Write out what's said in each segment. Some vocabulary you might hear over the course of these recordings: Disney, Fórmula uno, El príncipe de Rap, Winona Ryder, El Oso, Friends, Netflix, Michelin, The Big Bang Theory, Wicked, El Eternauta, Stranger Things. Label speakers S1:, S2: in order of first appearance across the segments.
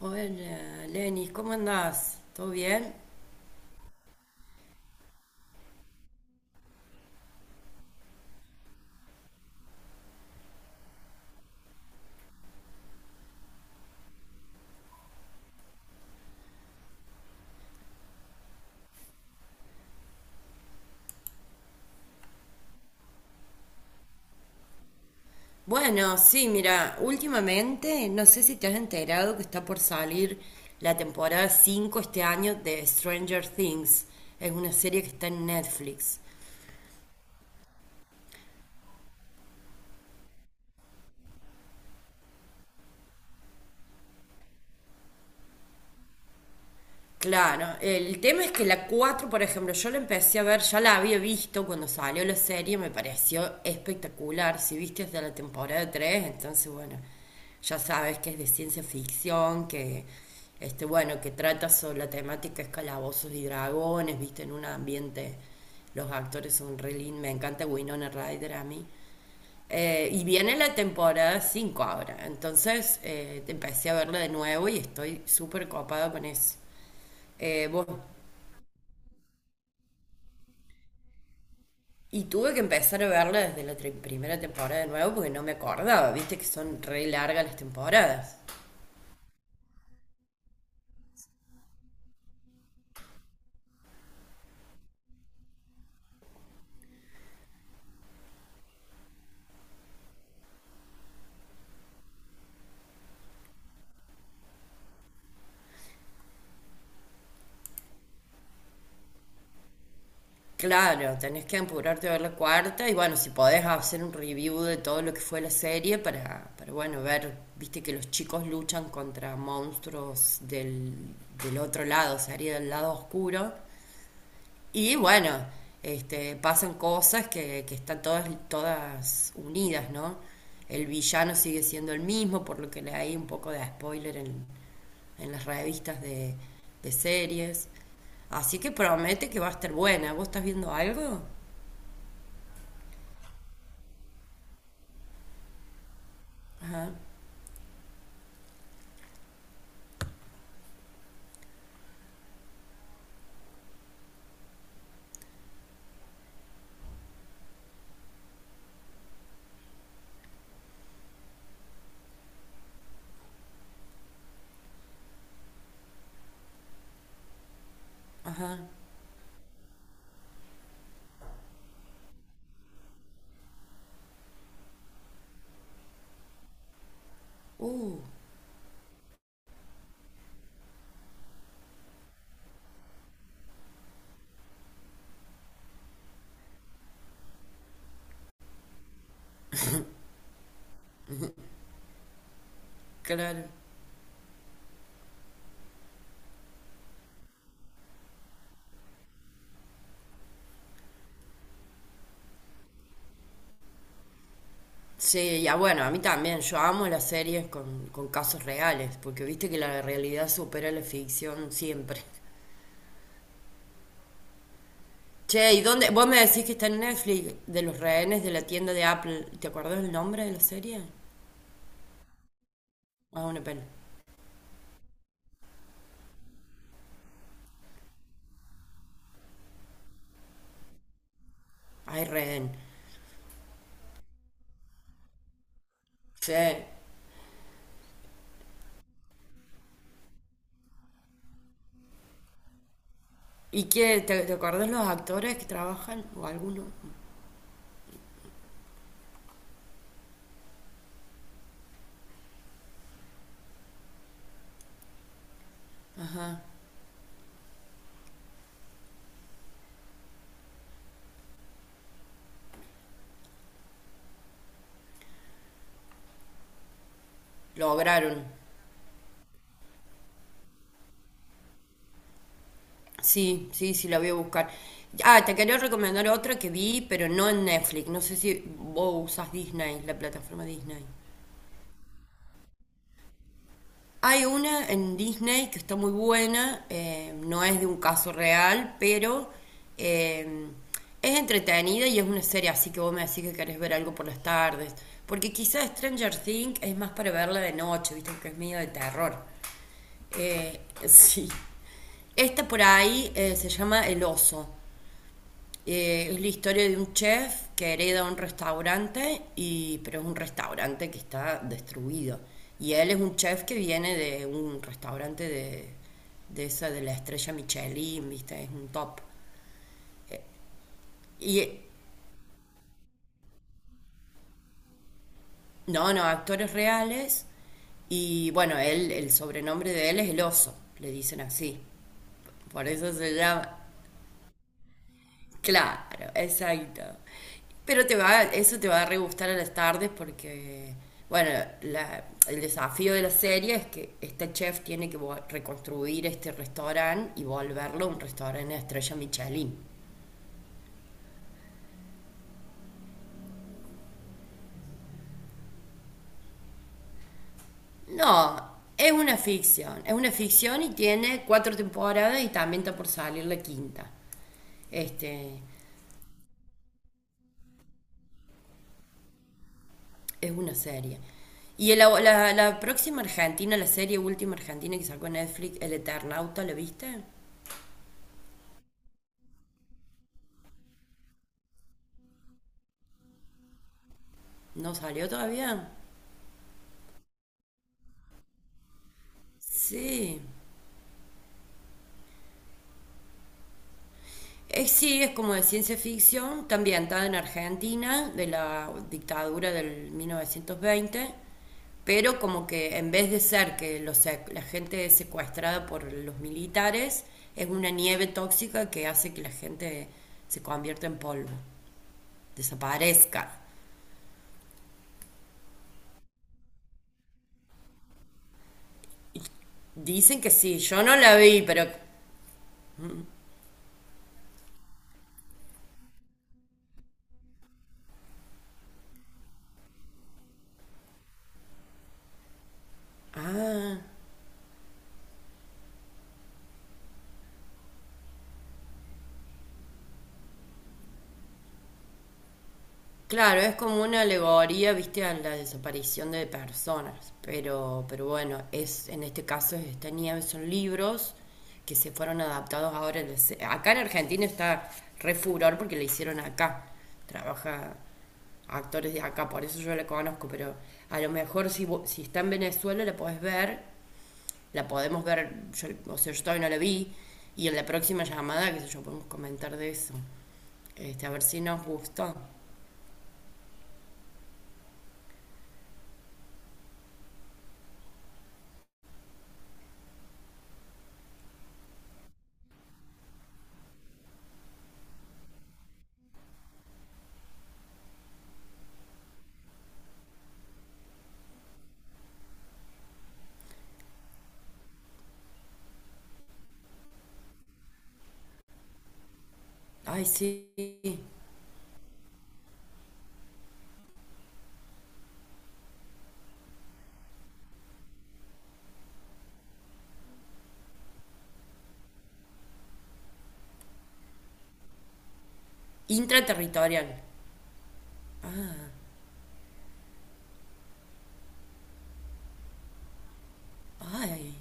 S1: Hola, Lenis, ¿cómo andás? ¿Todo bien? Bueno, sí, mira, últimamente no sé si te has enterado que está por salir la temporada 5 este año de Stranger Things. Es una serie que está en Netflix. Claro, el tema es que la 4, por ejemplo, yo la empecé a ver, ya la había visto cuando salió la serie, me pareció espectacular. Si viste hasta la temporada 3, entonces bueno, ya sabes que es de ciencia ficción, que este bueno, que trata sobre la temática es y dragones, viste, en un ambiente, los actores son re lindos, me encanta Winona Ryder a mí. Y viene la temporada 5 ahora, entonces empecé a verla de nuevo y estoy súper copada con eso. Bueno, y tuve que empezar a verla desde la primera temporada de nuevo porque no me acordaba, viste que son re largas las temporadas. Claro, tenés que apurarte a ver la cuarta y bueno, si podés hacer un review de todo lo que fue la serie para, bueno, ver, viste que los chicos luchan contra monstruos del otro lado, sería del lado oscuro. Y bueno, este, pasan cosas que están todas, todas unidas, ¿no? El villano sigue siendo el mismo, por lo que le hay un poco de spoiler en, las revistas de series. Así que promete que va a estar buena. ¿Vos estás viendo algo? Ajá. Uh, claro. Sí, ya bueno, a mí también. Yo amo las series con casos reales, porque viste que la realidad supera la ficción siempre. Che, ¿y dónde? Vos me decís que está en Netflix de los rehenes de la tienda de Apple. ¿Te acordás el nombre de la serie? Ah, una pena. Ay, rehén. Che, ¿y qué? ¿Te acordás los actores que trabajan? ¿O alguno? Lograron. Sí, sí, sí, la voy a buscar. Ah, te quería recomendar otra que vi, pero no en Netflix. No sé si vos usas Disney, la plataforma Disney. Hay una en Disney que está muy buena, no es de un caso real, pero eh, es entretenida y es una serie, así que vos me decís que querés ver algo por las tardes. Porque quizás Stranger Things es más para verla de noche, viste, que es medio de terror. Eh, sí. Esta por ahí se llama El Oso. Es la historia de un chef que hereda un restaurante, y, pero es un restaurante que está destruido. Y él es un chef que viene de un restaurante de esa de la estrella Michelin, ¿viste? Es un top. Y eh, no, no, actores reales. Y bueno, el sobrenombre de él es el oso, le dicen así. Por eso se llama. Claro, exacto. Pero te va, eso te va a re gustar a las tardes porque, bueno, el desafío de la serie es que este chef tiene que reconstruir este restaurante y volverlo un restaurante de estrella Michelin. No, es una ficción y tiene cuatro temporadas y también está por salir la quinta. Este, es una serie. Y la próxima Argentina, la serie última Argentina que sacó Netflix, El Eternauta, ¿la viste? ¿No salió todavía? Sí. Es, sí, es como de ciencia ficción, está ambientada en Argentina, de la dictadura del 1920, pero como que en vez de ser que los la gente es secuestrada por los militares, es una nieve tóxica que hace que la gente se convierta en polvo, desaparezca. Dicen que sí, yo no la vi, pero... Ah, claro, es como una alegoría, viste, a la desaparición de personas, pero bueno, es, en este caso es esta nieve, son libros que se fueron adaptados ahora. Acá en Argentina está re furor porque le hicieron acá, trabaja actores de acá, por eso yo la conozco, pero a lo mejor si, si está en Venezuela la podés ver, la podemos ver, yo, o sea, yo todavía no la vi, y en la próxima llamada, qué sé yo, podemos comentar de eso, este, a ver si nos gustó. Ay, sí. Intraterritorial. Ay,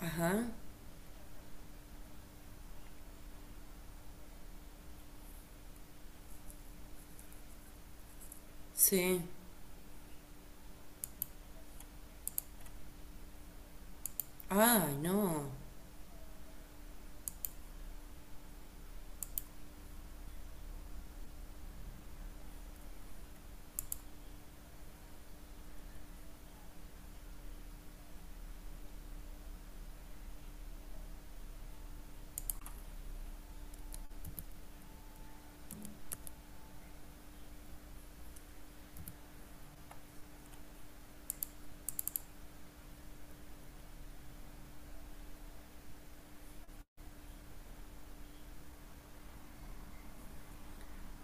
S1: ajá, sí. Ay, no.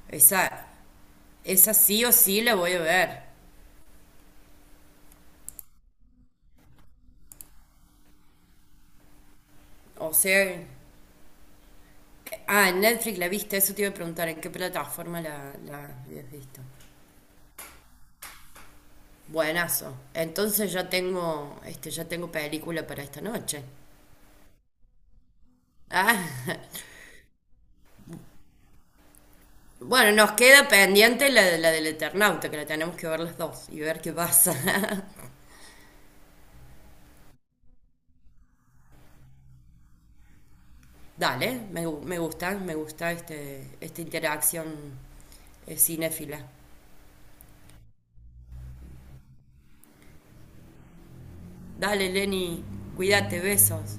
S1: Esa, esa sí o sí la voy a ver. O sea, ah, en Netflix la viste, eso te iba a preguntar, ¿en qué plataforma la habías visto? Buenazo. Entonces ya tengo, este, ya tengo película para esta noche. Ah, bueno, nos queda pendiente la del Eternauta, que la tenemos que ver las dos y ver qué pasa. Dale, me gusta, me gusta este, esta interacción cinéfila. Dale, Lenny, cuídate, besos.